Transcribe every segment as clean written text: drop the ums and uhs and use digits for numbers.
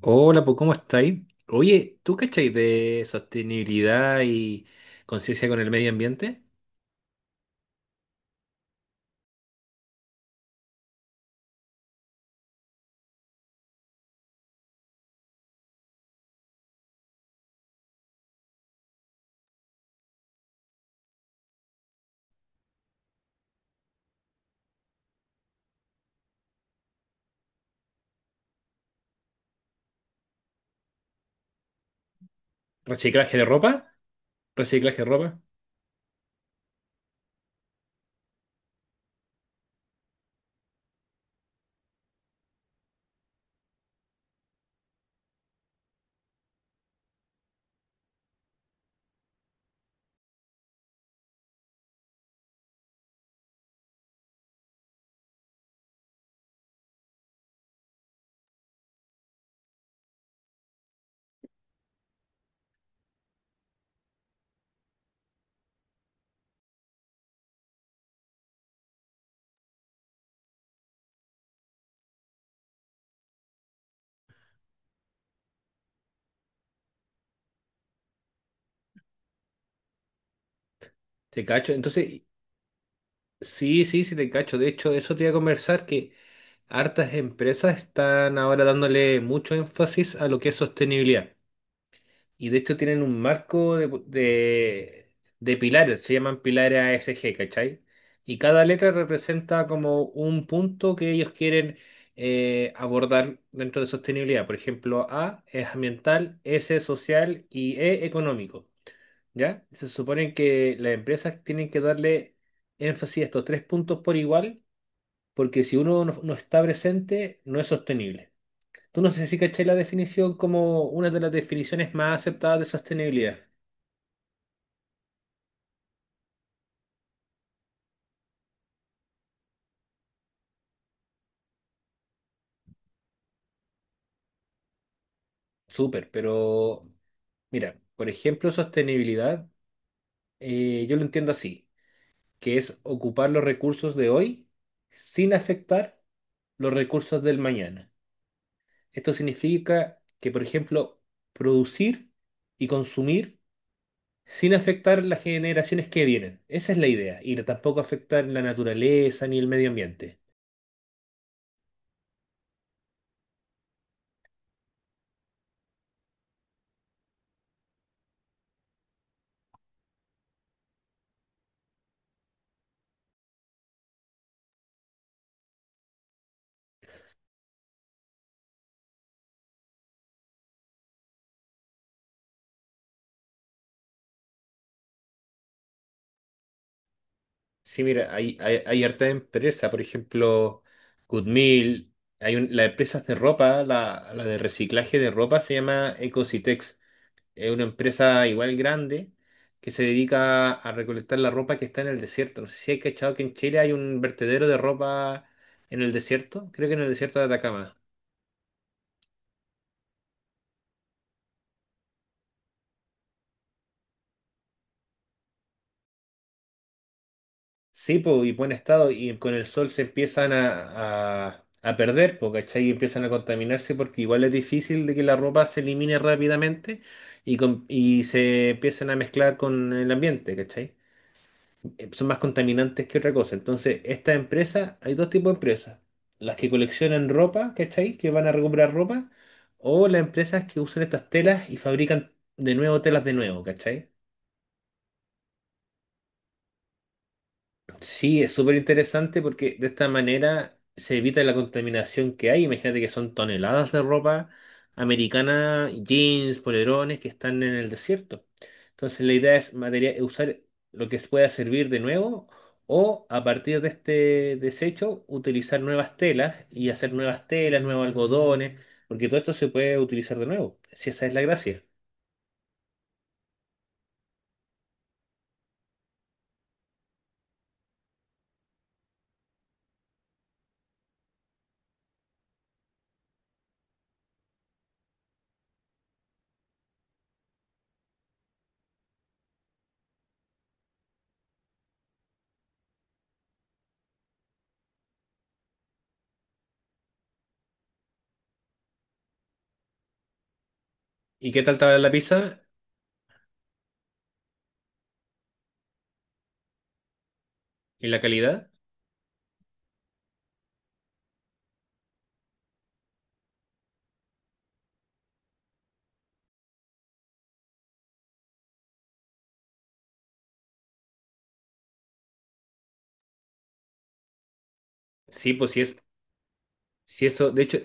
Hola, pues ¿cómo estáis? Oye, ¿tú cacháis de sostenibilidad y conciencia con el medio ambiente? ¿Reciclaje de ropa? ¿Reciclaje de ropa? ¿Te cacho? Entonces, sí, sí, sí, te cacho. De hecho, eso te iba a conversar que hartas empresas están ahora dándole mucho énfasis a lo que es sostenibilidad. Y de hecho tienen un marco de pilares, se llaman pilares ASG, ¿cachai? Y cada letra representa como un punto que ellos quieren abordar dentro de sostenibilidad. Por ejemplo, A es ambiental, S es social y E económico, ¿ya? Se supone que las empresas tienen que darle énfasis a estos tres puntos por igual, porque si uno no está presente, no es sostenible. Tú no sé si caché la definición como una de las definiciones más aceptadas de sostenibilidad. Súper, pero mira, por ejemplo, sostenibilidad, yo lo entiendo así, que es ocupar los recursos de hoy sin afectar los recursos del mañana. Esto significa que, por ejemplo, producir y consumir sin afectar las generaciones que vienen. Esa es la idea, y tampoco afectar la naturaleza ni el medio ambiente. Sí, mira, hay harta empresa, por ejemplo, Good las empresas de ropa, la de reciclaje de ropa se llama Ecositex, es una empresa igual grande que se dedica a recolectar la ropa que está en el desierto. No sé si hay cachado que en Chile hay un vertedero de ropa en el desierto, creo que en el desierto de Atacama. Sí, po, y buen estado, y con el sol se empiezan a perder, po, ¿cachai? Y empiezan a contaminarse porque igual es difícil de que la ropa se elimine rápidamente y, y se empiezan a mezclar con el ambiente, ¿cachai? Son más contaminantes que otra cosa. Entonces, esta empresa, hay dos tipos de empresas. Las que coleccionan ropa, ¿cachai? Que van a recuperar ropa, o las empresas que usan estas telas y fabrican de nuevo telas de nuevo, ¿cachai? Sí, es súper interesante porque de esta manera se evita la contaminación que hay. Imagínate que son toneladas de ropa americana, jeans, polerones que están en el desierto. Entonces la idea es usar lo que pueda servir de nuevo o a partir de este desecho utilizar nuevas telas y hacer nuevas telas, nuevos algodones, porque todo esto se puede utilizar de nuevo, si esa es la gracia. ¿Y qué tal estaba la pizza y la calidad? Sí, pues si es, si eso, de hecho,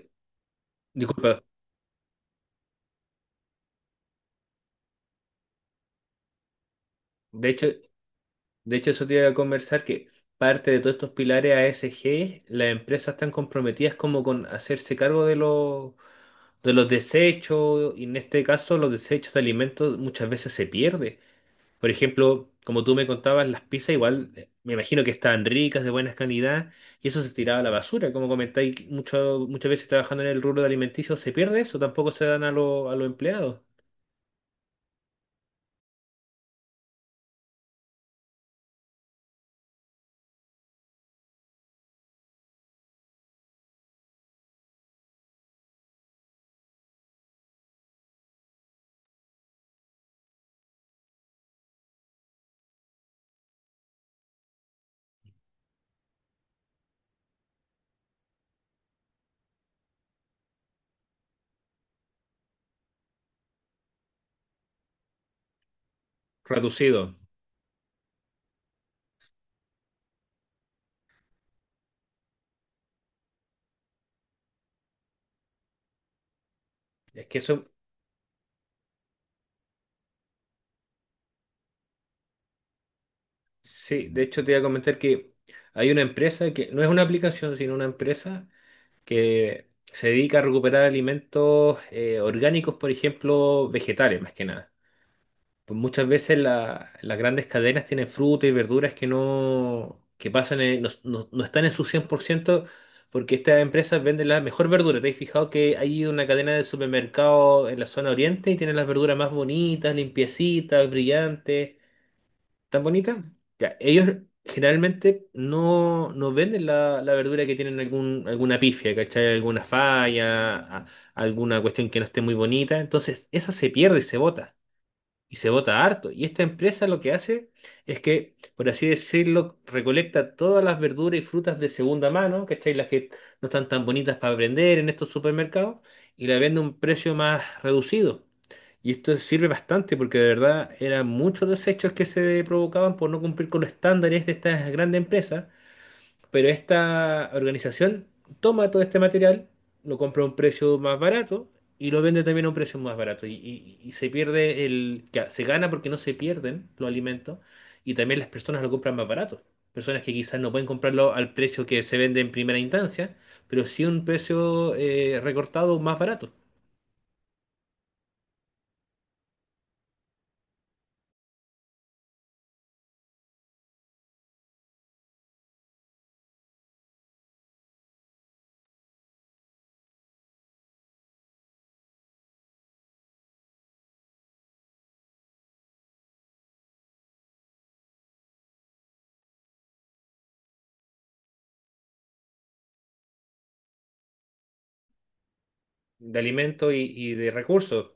disculpa. De hecho, eso te iba a conversar que parte de todos estos pilares A S G las empresas están comprometidas como con hacerse cargo de los desechos, y en este caso los desechos de alimentos muchas veces se pierden. Por ejemplo, como tú me contabas, las pizzas igual me imagino que estaban ricas, de buena calidad, y eso se tiraba a la basura. Como comentáis, muchas veces trabajando en el rubro de alimenticio se pierde eso, tampoco se dan a los empleados. Reducido. Es que eso sí, de hecho te iba a comentar que hay una empresa que no es una aplicación, sino una empresa que se dedica a recuperar alimentos orgánicos, por ejemplo, vegetales más que nada. Pues muchas veces las grandes cadenas tienen frutas y verduras que no, que pasan en- no, no- no están en su 100%, porque estas empresas venden la mejor verdura. ¿Te has fijado que hay una cadena de supermercados en la zona oriente y tienen las verduras más bonitas, limpiecitas, brillantes? ¿Tan bonita? Ya, ellos generalmente no venden la verdura que tienen alguna pifia, ¿cachai? Alguna falla, alguna cuestión que no esté muy bonita. Entonces, esa se pierde y se bota y se vota harto. Y esta empresa lo que hace es que, por así decirlo, recolecta todas las verduras y frutas de segunda mano, ¿cachai? Las que no están tan bonitas para vender en estos supermercados y la vende a un precio más reducido. Y esto sirve bastante porque de verdad eran muchos desechos que se provocaban por no cumplir con los estándares de estas grandes empresas, pero esta organización toma todo este material, lo compra a un precio más barato y lo vende también a un precio más barato. Y se pierde el que se gana porque no se pierden los alimentos y también las personas lo compran más barato. Personas que quizás no pueden comprarlo al precio que se vende en primera instancia, pero sí un precio recortado más barato de alimentos y de recursos.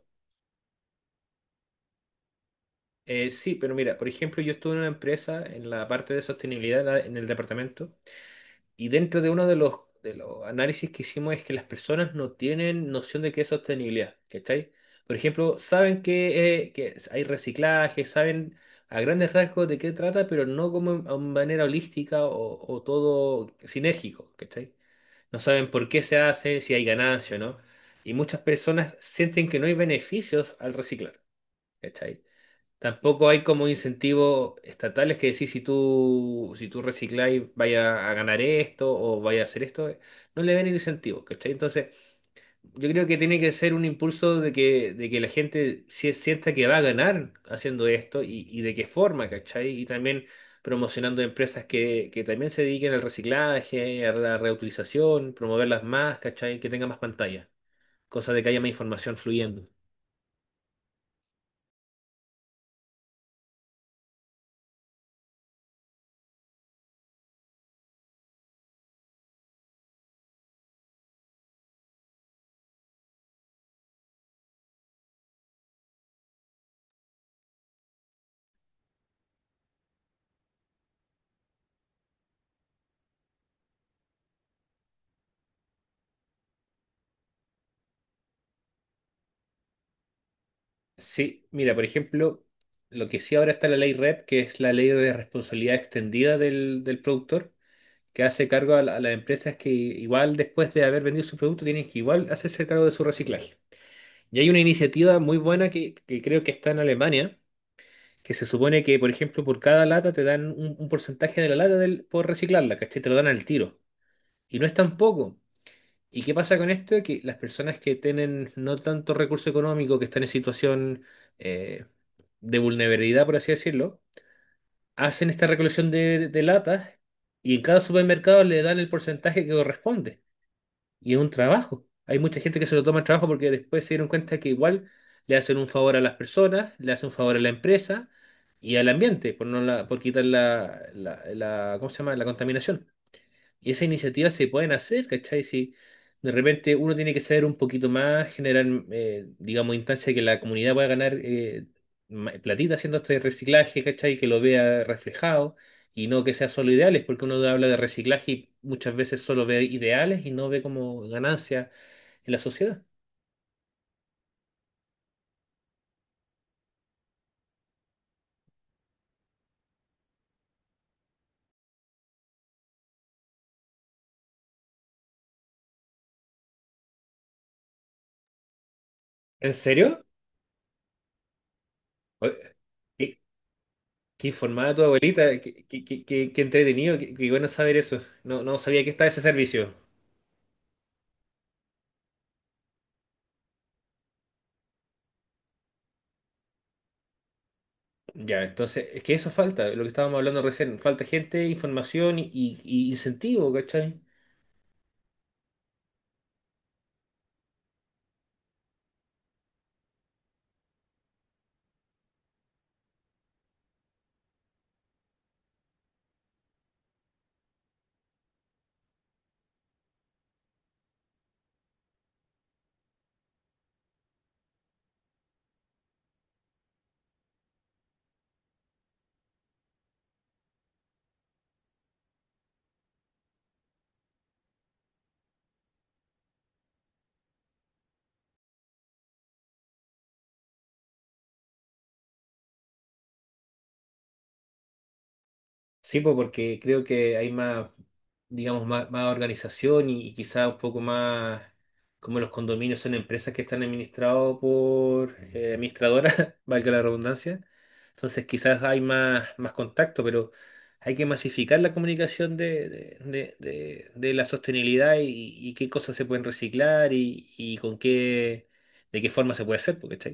Sí, pero mira, por ejemplo, yo estuve en una empresa en la parte de sostenibilidad en en el departamento. Y dentro de uno de los análisis que hicimos es que las personas no tienen noción de qué es sostenibilidad, ¿cachai? Por ejemplo, saben que hay reciclaje, saben a grandes rasgos de qué trata, pero no como a manera holística o todo sinérgico, ¿cachai? No saben por qué se hace, si hay ganancia o no. Y muchas personas sienten que no hay beneficios al reciclar, ¿cachai? Tampoco hay como incentivos estatales que decir si tú, si tú recicláis vaya a ganar esto o vaya a hacer esto. No le ven el incentivo, ¿cachai? Entonces, yo creo que tiene que ser un impulso de que la gente sienta que va a ganar haciendo esto y de qué forma, ¿cachai? Y también promocionando empresas que también se dediquen al reciclaje, a la reutilización, promoverlas más, ¿cachai? Que tengan más pantalla, cosa de que haya más información fluyendo. Sí, mira, por ejemplo, lo que sí ahora está la ley REP, que es la ley de responsabilidad extendida del productor, que hace cargo a las empresas que igual después de haber vendido su producto tienen que igual hacerse cargo de su reciclaje. Y hay una iniciativa muy buena que creo que está en Alemania, que se supone que, por ejemplo, por cada lata te dan un porcentaje de la lata por reciclarla, ¿cachai? Te lo dan al tiro. Y no es tan poco. ¿Y qué pasa con esto? Que las personas que tienen no tanto recurso económico, que están en situación… eh, de vulnerabilidad, por así decirlo, hacen esta recolección de latas y en cada supermercado le dan el porcentaje que corresponde. Y es un trabajo. Hay mucha gente que se lo toma en trabajo porque después se dieron cuenta que igual le hacen un favor a las personas, le hacen un favor a la empresa y al ambiente por, no la- por quitar la, ¿cómo se llama? La contaminación. Y esas iniciativas se pueden hacer, ¿cachai? Si de repente uno tiene que ser un poquito más, generar, digamos, instancia que la comunidad pueda ganar platita haciendo este reciclaje, ¿cachai? Que lo vea reflejado y no que sea solo ideales, porque uno habla de reciclaje y muchas veces solo ve ideales y no ve como ganancia en la sociedad. ¿En serio? Oye, qué, qué informada tu abuelita, qué entretenido, qué, qué bueno saber eso. No, no sabía que estaba ese servicio. Ya, entonces, es que eso falta, lo que estábamos hablando recién, falta gente, información y, y incentivo, ¿cachai? Sí, po, porque creo que hay más, digamos, más organización y quizá un poco más, como los condominios son empresas que están administrados por administradoras, valga la redundancia, entonces quizás hay más, más contacto, pero hay que masificar la comunicación de la sostenibilidad y qué cosas se pueden reciclar y con qué, de qué forma se puede hacer, porque está.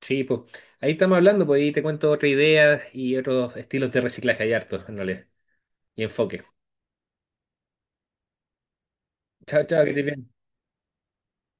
Sí, pues ahí estamos hablando, pues ahí te cuento otras ideas y otros estilos de reciclaje, hay hartos, en realidad. Y enfoque. Chao, chao, que te vaya bien.